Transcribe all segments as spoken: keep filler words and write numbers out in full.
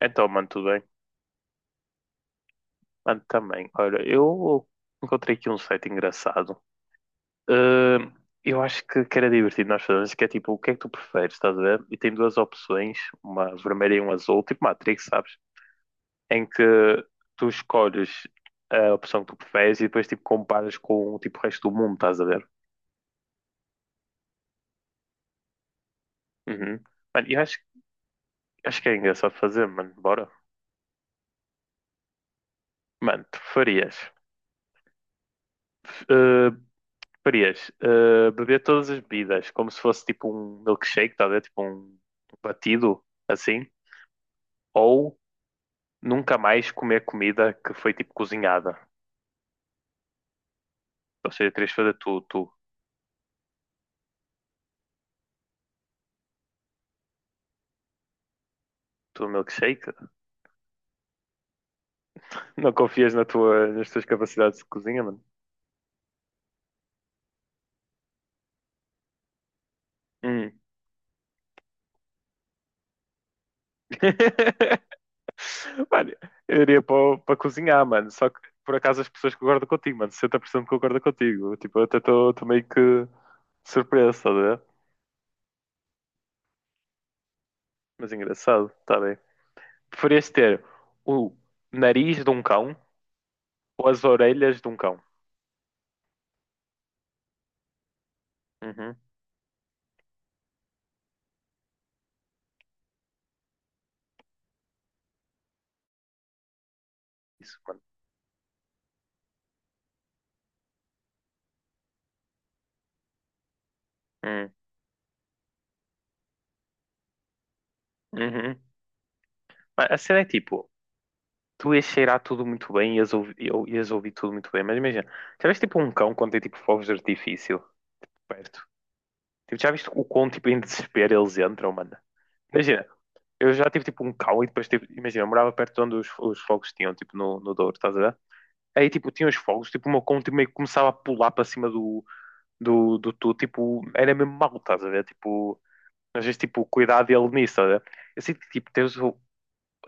Então, mano, tudo bem? Mano, também. Olha, eu encontrei aqui um site engraçado. Ahm, eu acho que, que era divertido nós fazermos, que é tipo, o que é que tu preferes, estás a ver? E tem duas opções, uma vermelha e uma azul, tipo Matrix, sabes? Em que tu escolhes a opção que tu preferes e depois tipo comparas com tipo, o resto do mundo, estás a ver? Uhum. Mano, eu acho, acho que é engraçado fazer, mano. Bora. Mano, tu farias. Preferias eh, beber todas as bebidas como se fosse tipo um milkshake, tá a ver? Tipo um batido assim, ou nunca mais comer comida que foi tipo cozinhada? Ou seja, terias de fazer tu, tu, tu um milkshake? Não confias na tua, nas tuas capacidades de cozinha, mano? Hum. Mano, eu iria para, para cozinhar, mano. Só que por acaso as pessoas concordam contigo, mano. sessenta por cento concordam contigo. Tipo, eu até estou meio que surpreso, tá a ver? Mas engraçado, tá bem. Preferias ter o nariz de um cão ou as orelhas de um cão? Uhum. Isso, mano. Hum. Uhum. Mas a cena é tipo, tu ias cheirar tudo muito bem, ias ouvir, ias ouvir tudo muito bem, mas imagina, já viste tipo um cão quando tem tipo fogos de artifício perto? Tipo, já viste o quão tipo em desespero eles entram, mano? Imagina, eu já tive tipo um cão e depois tipo, imagina, eu morava perto de onde os, os fogos tinham, tipo no, no Douro, estás a ver? Aí tipo, tinha os fogos, tipo o meu cão tipo, meio que começava a pular para cima do, do, do tu, tipo, era mesmo mau, estás a ver? Tipo, às vezes, tipo, cuidado dele nisso, estás a ver? Eu sinto que, tipo, tens o-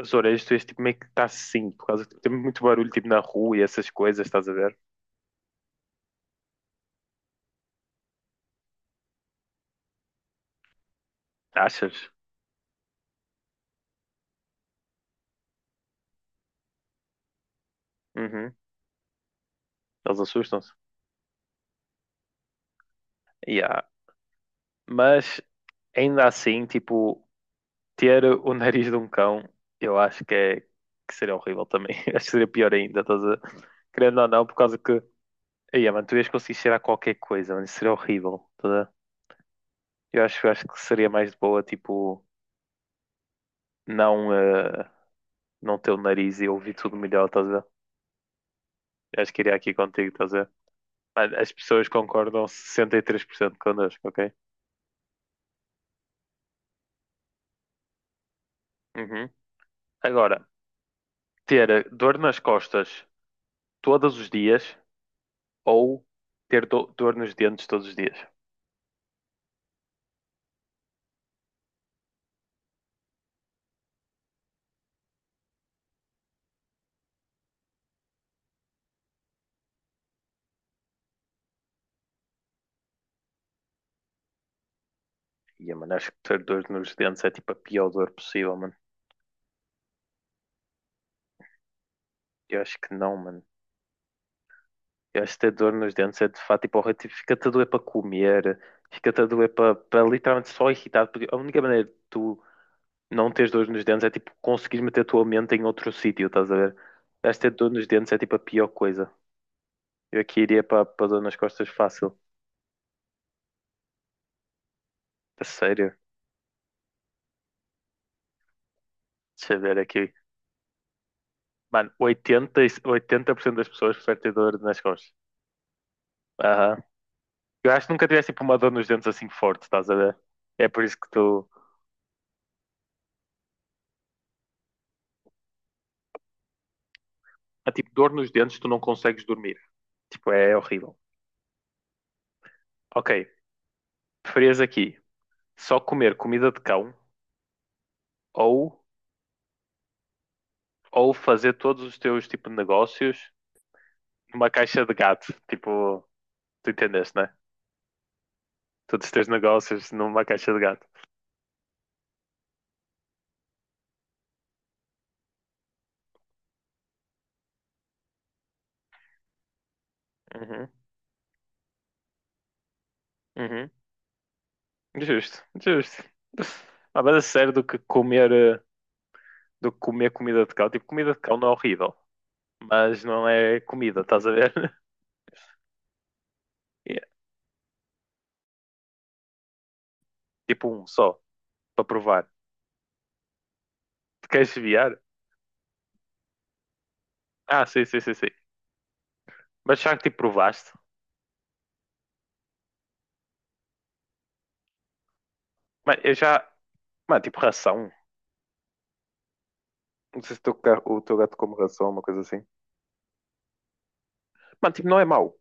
as orelhas, tu és, tipo, meio que está assim, por causa que tipo, tem muito barulho, tipo, na rua e essas coisas, estás a ver? Achas? Uhum. Eles assustam-se. Yeah. Mas, ainda assim, tipo, ter o nariz de um cão, eu acho que é, que seria horrível também. Acho que seria pior ainda, estás a. Querendo ou não, por causa que, aí, mano, tu ias conseguir cheirar qualquer coisa, mano, isso seria horrível, estás a ver? Eu acho, eu acho que seria mais de boa, tipo, não, eh, não ter o nariz e ouvir tudo melhor, estás a ver? Eu acho que iria aqui contigo, estás a ver? Mas As pessoas concordam sessenta e três por cento connosco, ok? Uhum. Agora, ter eh, dor nas costas todos os dias ou ter do- dor nos dentes todos os dias? Ia, mano, acho que ter dor nos dentes é tipo a pior dor possível, mano. Eu acho que não, mano. Eu acho que ter dor nos dentes é de fato tipo horrível. Tipo, fica-te a doer para comer, fica-te a doer para para literalmente só irritar. Porque a única maneira de tu não teres dor nos dentes é tipo conseguir meter a tua mente em outro sítio, estás a ver? Acho que ter dor nos dentes é tipo a pior coisa. Eu aqui iria para para dor nas costas fácil. A sério. Deixa eu ver aqui. Mano, oitenta e- oitenta por cento das pessoas preferem ter dor nas costas. Aham. Eu acho que nunca tivesse tipo uma dor nos dentes assim forte, estás a ver? É por isso que tu. É tipo dor nos dentes, tu não consegues dormir. Tipo, é horrível. Ok, preferias aqui só comer comida de cão ou, ou fazer todos os teus tipo de negócios numa caixa de gato? Tipo, tu entendeste, né? Todos os teus negócios numa caixa de gato. Uhum, uhum. Justo, justo. Ah, mas a sério do que comer, eh, do que comer comida de cão. Tipo, comida de cão não é horrível, mas não é comida, estás a ver? É, tipo um só, para provar. Tu queres desviar? Ah, sim, sim, sim, sim. Mas já que tipo provaste? Mano, eu já. Mano, tipo ração. Não sei se o teu, ca- o teu gato come ração, uma coisa assim. Mano, tipo, não é mau,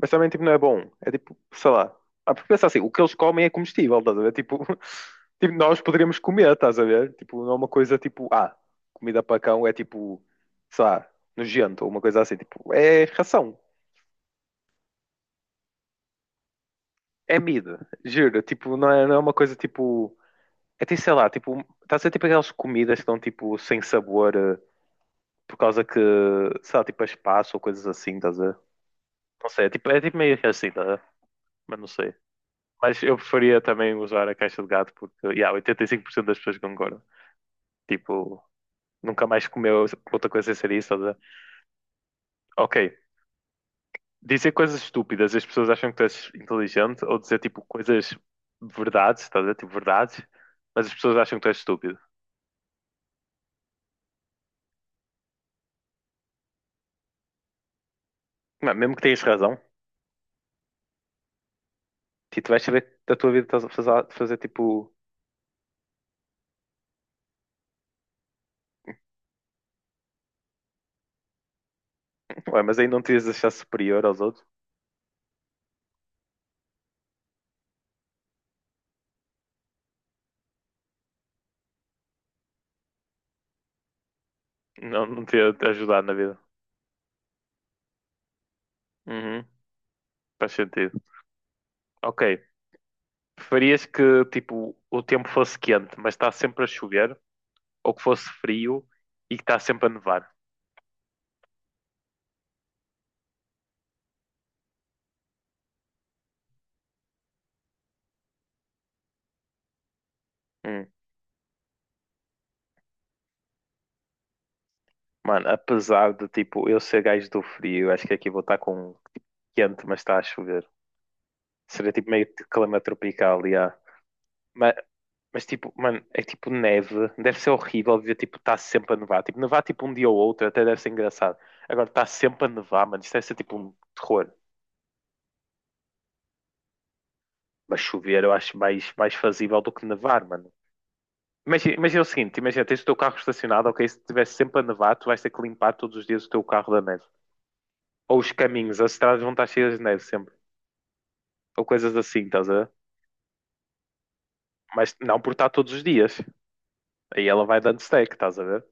mas também tipo, não é bom. É tipo, sei lá. Ah, porque pensa assim, o que eles comem é comestível, estás a ver? Tipo, tipo, nós poderíamos comer, estás a ver? Tipo, não é uma coisa tipo, ah, comida para cão é tipo, sei lá, nojento ou uma coisa assim. Tipo, é ração, é mida, juro. Tipo, não é, não é uma coisa tipo. É tipo, sei lá, tipo, estás a ver tipo aquelas comidas que estão tipo sem sabor eh, por causa que, sei lá, tipo, é espaço ou coisas assim, estás a ver? Não sei, é tipo, é tipo meio que assim, tá? Mas não sei. Mas eu preferia também usar a caixa de gato porque, yeah, oitenta e cinco por cento das pessoas concordam. Tipo, nunca mais comeu outra coisa sem ser isso. Ou ok, dizer coisas estúpidas, as pessoas acham que tu és inteligente, ou dizer tipo coisas verdades, estás a dizer? Tipo verdades, mas as pessoas acham que tu és estúpido. Mano, mesmo que tenhas razão, tipo, tu vais saber da tua vida estás a fazer, fazer tipo, ué, mas aí não te ias achar superior aos outros, não, não te ia ajudar na vida. Uhum, faz sentido. Ok, preferias que tipo o tempo fosse quente, mas está sempre a chover, ou que fosse frio e que está sempre a nevar? Hum. Mano, apesar de tipo eu ser gajo do frio, acho que aqui vou estar com quente, mas está a chover. Seria tipo meio que clima tropical, yeah. Mas, mas tipo, mano, é tipo neve, deve ser horrível ver tipo está sempre a nevar. Tipo, nevar tipo um dia ou outro até deve ser engraçado. Agora está sempre a nevar, mano, isto deve ser tipo um terror. Mas chover eu acho mais, mais fazível do que nevar, mano. Imagina, imagina o seguinte, imagina, tens o teu carro estacionado, ok? Se estiver sempre a nevar, tu vais ter que limpar todos os dias o teu carro da neve. Ou os caminhos, as estradas vão estar cheias de neve sempre. Ou coisas assim, estás a ver? Mas não por estar todos os dias. Aí ela vai dando stack, estás a ver?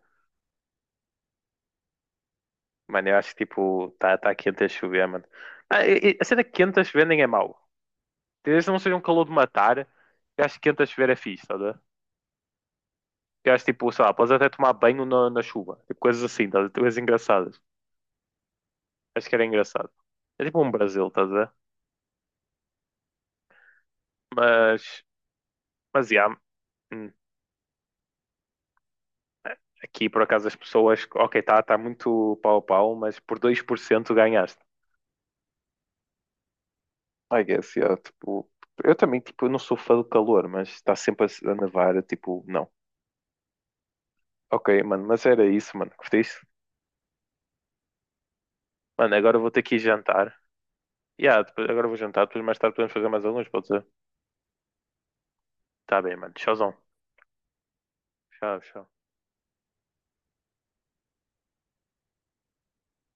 Mano, eu acho que tipo, está tá quente a chover, mano. Ah, e- e a cena quente a chover nem é mau. Desde que não seja um calor de matar, eu acho que quente a chover é fixe, estás a ver? Eu acho tipo, sei lá, podes até tomar banho na, na chuva. Tipo, coisas assim, estás a ver? Coisas engraçadas. Acho que era engraçado. É tipo um Brasil, estás a ver? Mas Mas yeah, hum, aqui por acaso as pessoas, ok, está tá tá muito pau a pau, mas por dois por cento ganhaste. I guess, yeah, tipo, eu também, tipo, eu não sou fã do calor, mas está sempre a, a nevar, eu, tipo, não. Ok, mano, mas era isso, mano, curtiste? Mano, agora eu vou ter que ir jantar. Yeah, depois, agora eu vou jantar, depois mais tarde podemos fazer mais alguns, pode ser? Tá bem, mano, tchauzão. Tchau, tchau.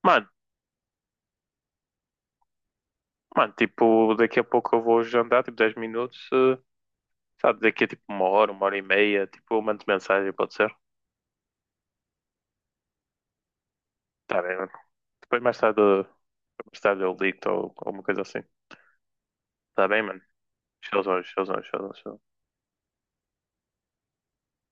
Mano, mano, tipo, daqui a pouco eu vou jantar, tipo, dez minutos, eh, sabe, daqui a tipo uma hora, uma hora e meia, tipo, eu mando mensagem, pode ser? Tá bem, mano. Depois mais tarde eh, Stardew League ou alguma coisa assim. Tá bem, mano? Showzão, showzão, showzão, showzão.